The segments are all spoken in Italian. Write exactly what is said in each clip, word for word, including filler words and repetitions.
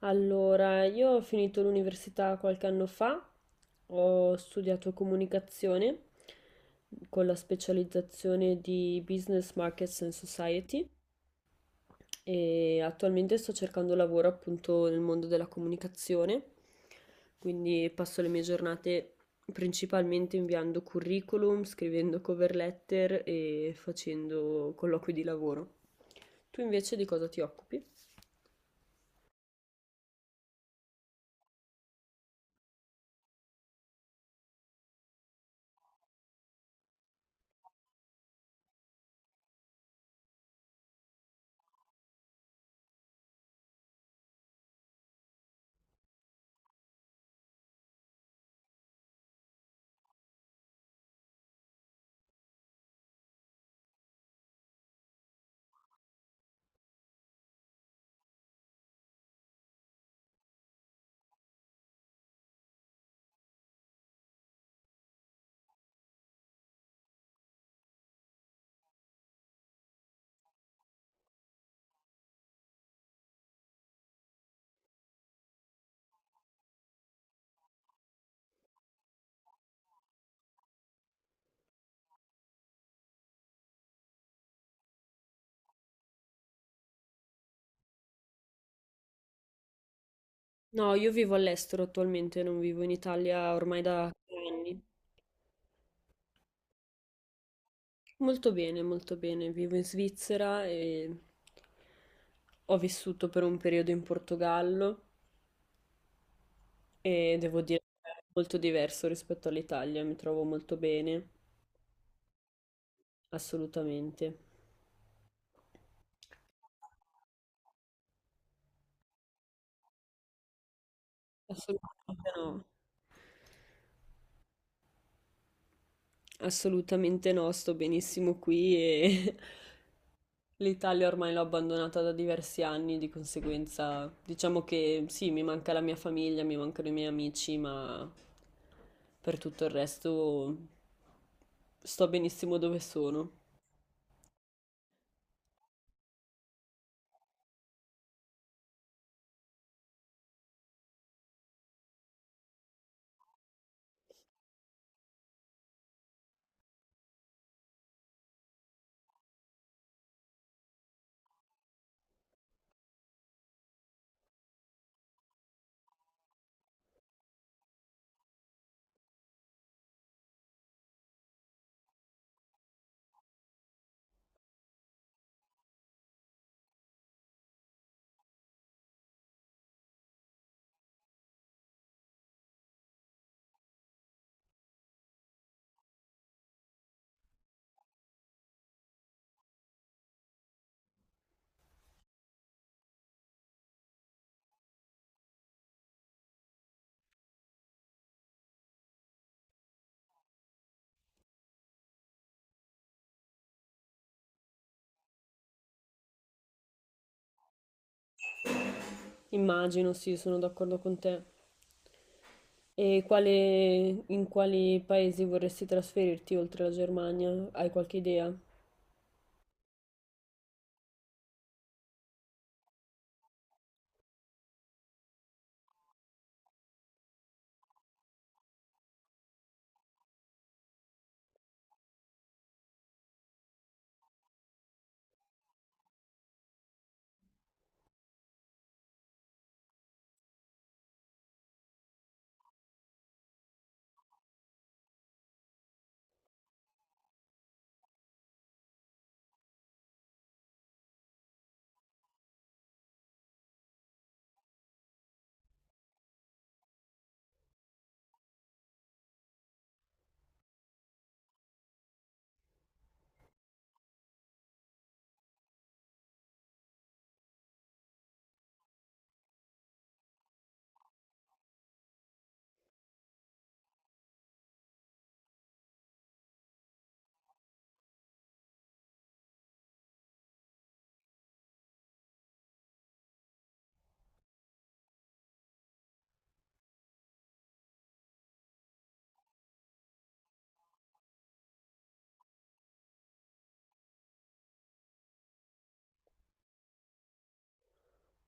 Allora, io ho finito l'università qualche anno fa, ho studiato comunicazione con la specializzazione di Business Markets and Society e attualmente sto cercando lavoro appunto nel mondo della comunicazione, quindi passo le mie giornate principalmente inviando curriculum, scrivendo cover letter e facendo colloqui di lavoro. Tu invece di cosa ti occupi? No, io vivo all'estero attualmente, non vivo in Italia ormai da tre anni. Molto bene, molto bene. Vivo in Svizzera e ho vissuto per un periodo in Portogallo e devo dire che è molto diverso rispetto all'Italia, mi trovo molto bene, assolutamente. Assolutamente no, assolutamente no, sto benissimo qui e l'Italia ormai l'ho abbandonata da diversi anni, di conseguenza diciamo che sì, mi manca la mia famiglia, mi mancano i miei amici, ma per tutto il resto sto benissimo dove sono. Immagino, sì, sono d'accordo con te. E quale- in quali paesi vorresti trasferirti oltre la Germania? Hai qualche idea?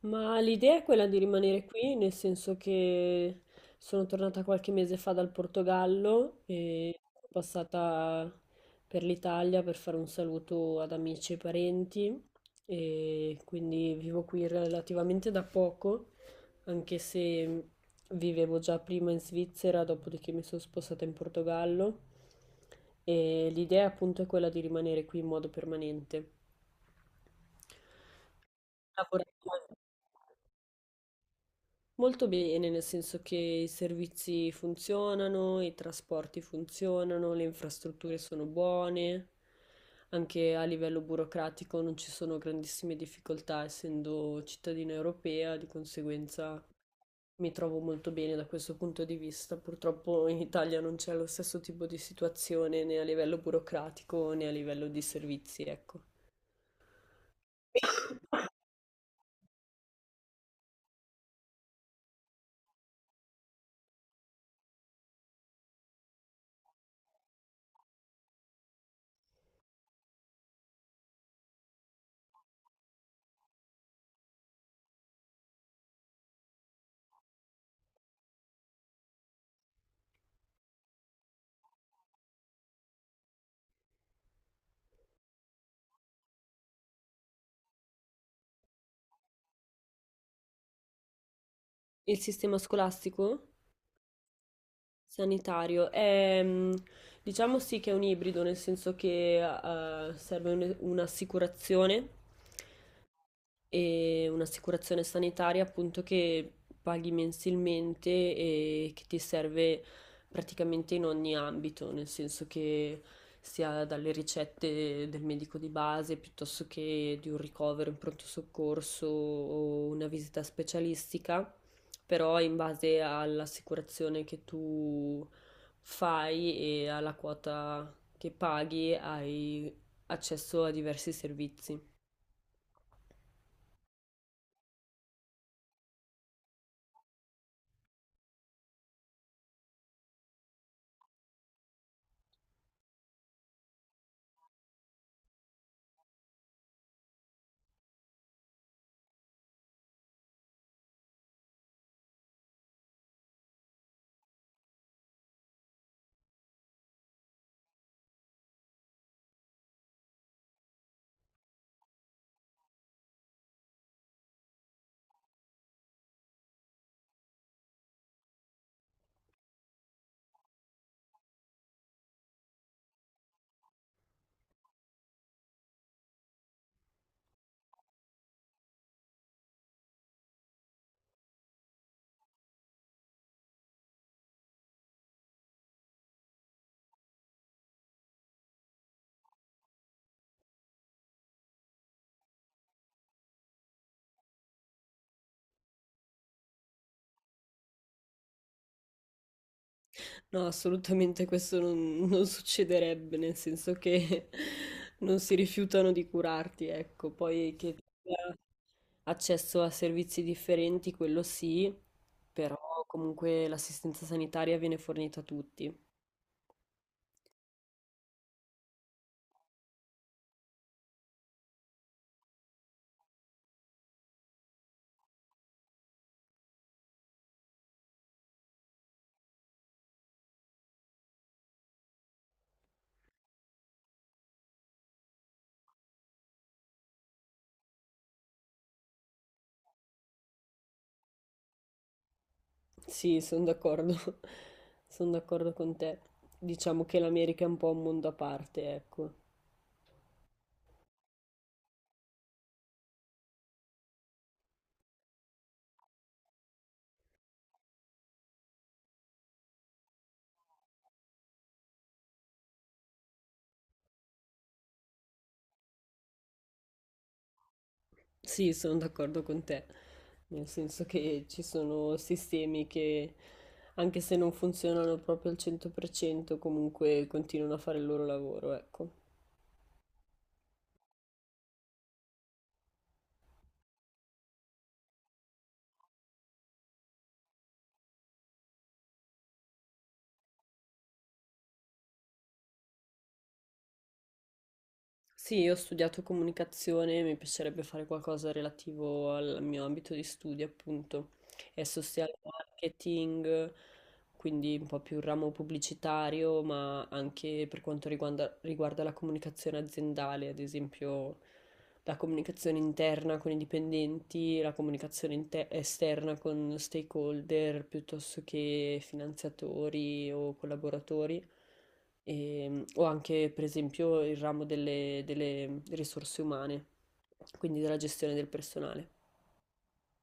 Ma l'idea è quella di rimanere qui, nel senso che sono tornata qualche mese fa dal Portogallo e sono passata per l'Italia per fare un saluto ad amici e parenti e quindi vivo qui relativamente da poco, anche se vivevo già prima in Svizzera, dopodiché mi sono spostata in Portogallo e l'idea appunto è quella di rimanere qui in modo permanente. Lavorare. Molto bene, nel senso che i servizi funzionano, i trasporti funzionano, le infrastrutture sono buone, anche a livello burocratico non ci sono grandissime difficoltà, essendo cittadina europea, di conseguenza mi trovo molto bene da questo punto di vista. Purtroppo in Italia non c'è lo stesso tipo di situazione né a livello burocratico né a livello di servizi, ecco. Il sistema scolastico? Sanitario, è, mm, diciamo sì che è un ibrido, nel senso che eh, serve un- un'assicurazione e un'assicurazione sanitaria appunto che paghi mensilmente e che ti serve praticamente in ogni ambito, nel senso che sia dalle ricette del medico di base piuttosto che di un ricovero in pronto soccorso o una visita specialistica, però in base all'assicurazione che tu fai e alla quota che paghi hai accesso a diversi servizi. No, assolutamente questo non, non succederebbe, nel senso che non si rifiutano di curarti, ecco, poi che tu abbia accesso a servizi differenti, quello sì, però comunque l'assistenza sanitaria viene fornita a tutti. Sì, sono d'accordo, sono d'accordo con te. Diciamo che l'America è un po' un mondo a parte, ecco. Sì, sono d'accordo con te, nel senso che ci sono sistemi che, anche se non funzionano proprio al cento per cento, comunque continuano a fare il loro lavoro, ecco. Sì, io ho studiato comunicazione, mi piacerebbe fare qualcosa relativo al mio ambito di studio, appunto, e social marketing, quindi un po' più il ramo pubblicitario, ma anche per quanto riguarda, riguarda la comunicazione aziendale, ad esempio la comunicazione interna con i dipendenti, la comunicazione inte- esterna con stakeholder, piuttosto che finanziatori o collaboratori ehm, o anche per esempio il ramo delle, delle risorse umane, quindi della gestione del personale.